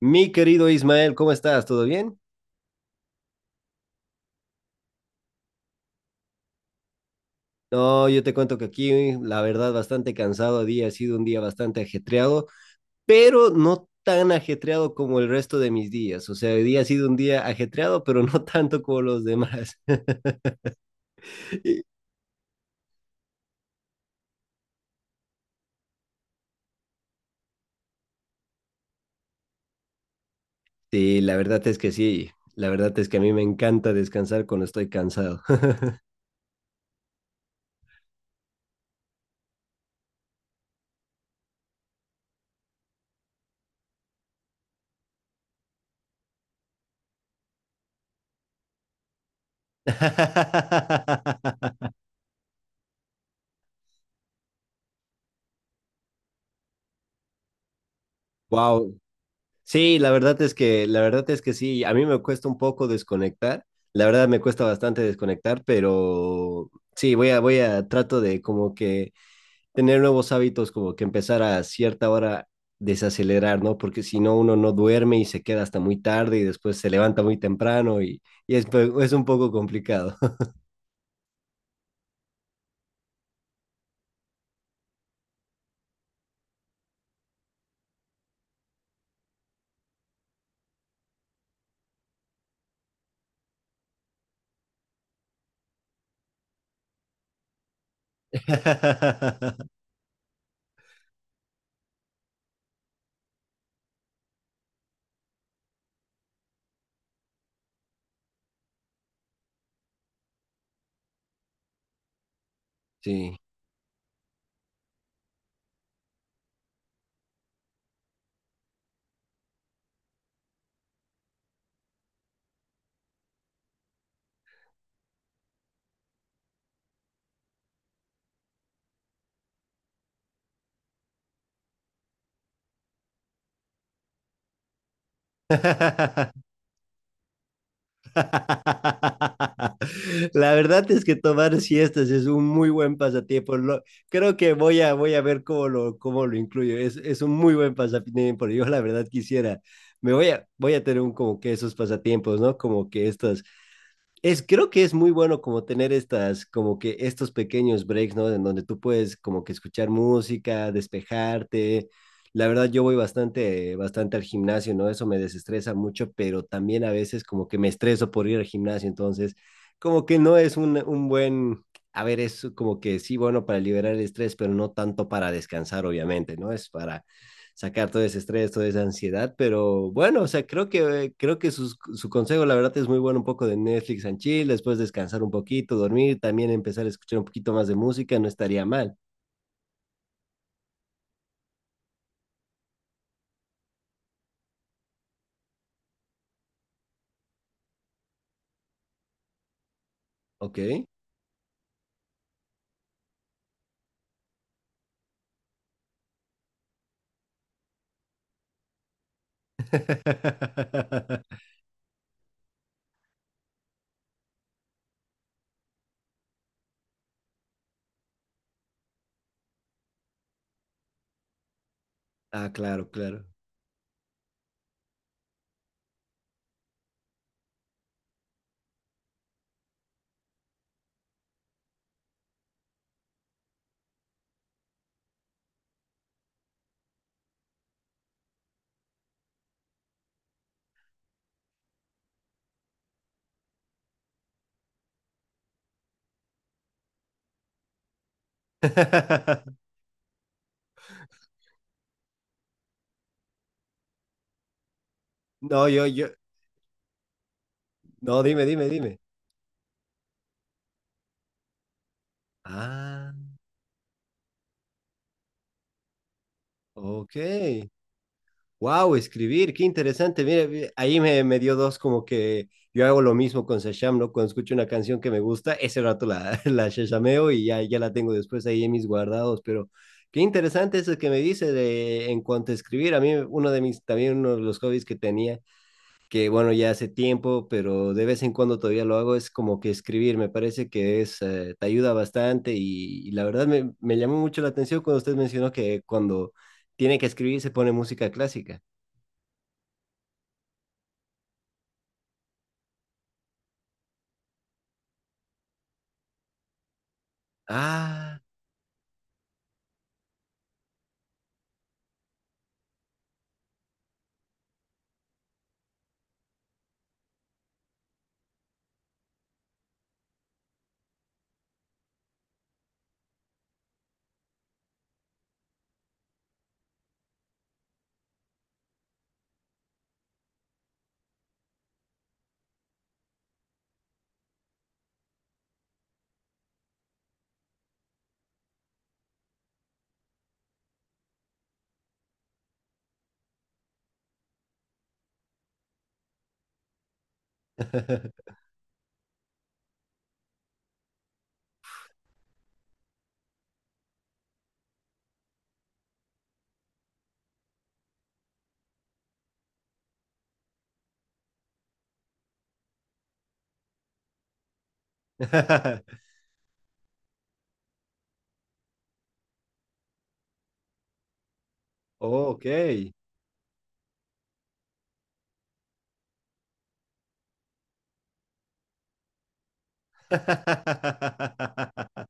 Mi querido Ismael, ¿cómo estás? ¿Todo bien? No, yo te cuento que aquí, la verdad, bastante cansado día, ha sido un día bastante ajetreado, pero no tan ajetreado como el resto de mis días. O sea, hoy día ha sido un día ajetreado, pero no tanto como los demás. Y- Sí, la verdad es que sí. La verdad es que a mí me encanta descansar cuando estoy cansado. Wow, sí, la verdad es que, sí, a mí me cuesta un poco desconectar, la verdad me cuesta bastante desconectar, pero sí, trato de como que tener nuevos hábitos, como que empezar a cierta hora desacelerar, ¿no? Porque si no, uno no duerme y se queda hasta muy tarde y después se levanta muy temprano y es un poco complicado. Sí. La verdad es que tomar siestas es un muy buen pasatiempo. Creo que voy a ver cómo lo, incluyo. Es un muy buen pasatiempo. Yo la verdad quisiera, me voy a tener un, como que esos pasatiempos, ¿no? Como que estas es, creo que es muy bueno como tener estas, como que estos pequeños breaks, ¿no? En donde tú puedes como que escuchar música, despejarte. La verdad, yo voy bastante, bastante al gimnasio, ¿no? Eso me desestresa mucho, pero también a veces como que me estreso por ir al gimnasio, entonces como que no es un, buen, a ver, es como que sí, bueno, para liberar el estrés, pero no tanto para descansar, obviamente, ¿no? Es para sacar todo ese estrés, toda esa ansiedad, pero bueno, o sea, creo que, su consejo, la verdad, es muy bueno, un poco de Netflix and chill, después descansar un poquito, dormir, también empezar a escuchar un poquito más de música, no estaría mal, ¿ok? Ah, claro, claro. No, no, dime, dime, dime. Ah, ok. Wow, escribir, qué interesante. Mira, ahí me dio dos como que yo hago lo mismo con Shasham, ¿no? Cuando escucho una canción que me gusta, ese rato la, la shashameo y ya la tengo después ahí en mis guardados, pero qué interesante eso que me dice de, en cuanto a escribir. A mí uno de mis, también uno de los hobbies que tenía, que bueno, ya hace tiempo, pero de vez en cuando todavía lo hago, es como que escribir, me parece que es, te ayuda bastante y la verdad me llamó mucho la atención cuando usted mencionó que cuando tiene que escribir se pone música clásica. Ah. Ok.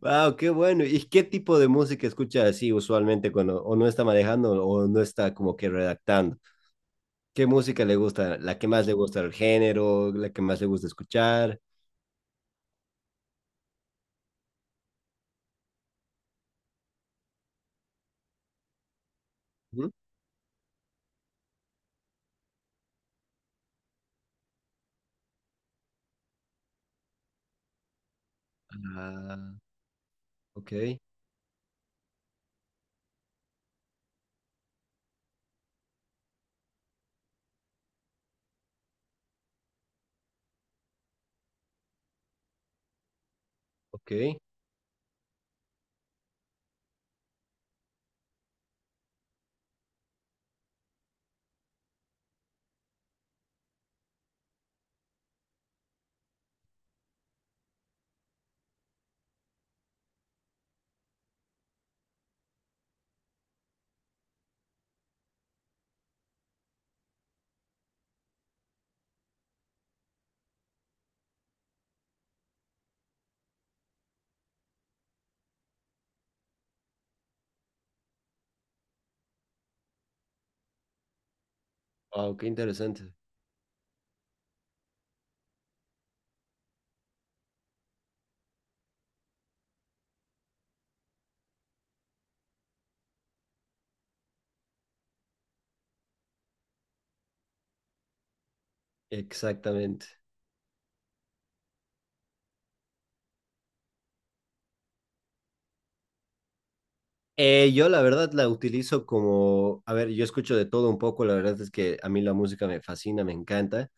Wow, qué bueno. ¿Y qué tipo de música escucha así usualmente cuando o no está manejando o no está como que redactando? ¿Qué música le gusta? ¿La que más le gusta el género? ¿La que más le gusta escuchar? Ujú. Ah, ok, ok. Wow, qué interesante. Exactamente. Yo la verdad la utilizo como, a ver, yo escucho de todo un poco, la verdad es que a mí la música me fascina, me encanta,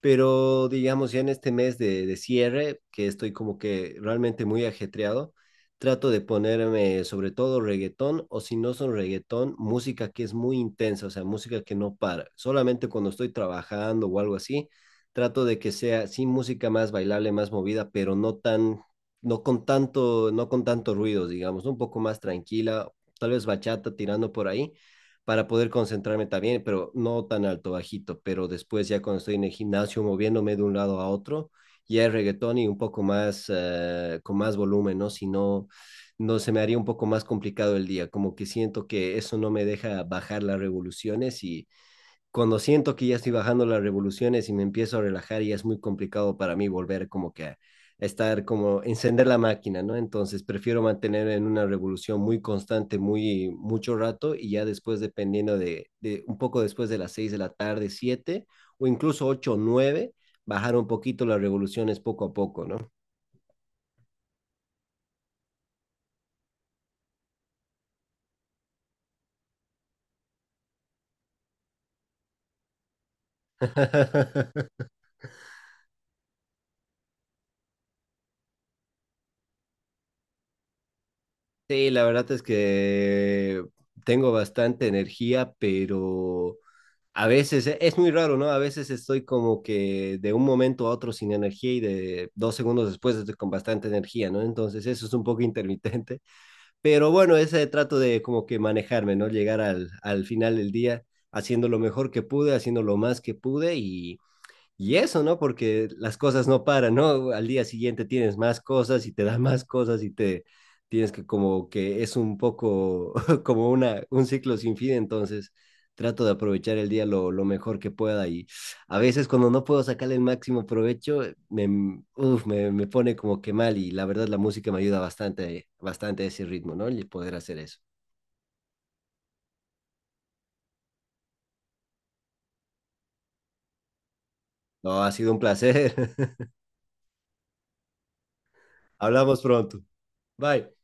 pero digamos ya en este mes de cierre, que estoy como que realmente muy ajetreado, trato de ponerme sobre todo reggaetón o si no son reggaetón, música que es muy intensa, o sea, música que no para. Solamente cuando estoy trabajando o algo así, trato de que sea, sí, música más bailable, más movida, pero no tan no con tanto, ruido, digamos, ¿no? Un poco más tranquila, tal vez bachata tirando por ahí para poder concentrarme también, pero no tan alto, bajito, pero después ya cuando estoy en el gimnasio moviéndome de un lado a otro, ya es reggaetón y un poco más, con más volumen, ¿no? Si no, no se me haría un poco más complicado el día, como que siento que eso no me deja bajar las revoluciones y cuando siento que ya estoy bajando las revoluciones y me empiezo a relajar, ya es muy complicado para mí volver como que a estar como encender la máquina, ¿no? Entonces prefiero mantener en una revolución muy constante, muy mucho rato y ya después dependiendo de un poco después de las 6 de la tarde, 7 o incluso 8 o 9, bajar un poquito las revoluciones poco a poco, ¿no? Sí, la verdad es que tengo bastante energía, pero a veces es muy raro, ¿no? A veces estoy como que de un momento a otro sin energía y de 2 segundos después estoy con bastante energía, ¿no? Entonces eso es un poco intermitente, pero bueno, ese trato de como que manejarme, ¿no? Llegar al final del día haciendo lo mejor que pude, haciendo lo más que pude y eso, ¿no? Porque las cosas no paran, ¿no? Al día siguiente tienes más cosas y te dan más cosas y te tienes que como que es un poco como una, un ciclo sin fin, entonces trato de aprovechar el día lo mejor que pueda y a veces cuando no puedo sacarle el máximo provecho, me, uf, me pone como que mal y la verdad la música me ayuda bastante, bastante a ese ritmo, ¿no? Y poder hacer eso. No, ha sido un placer. Hablamos pronto. Bye.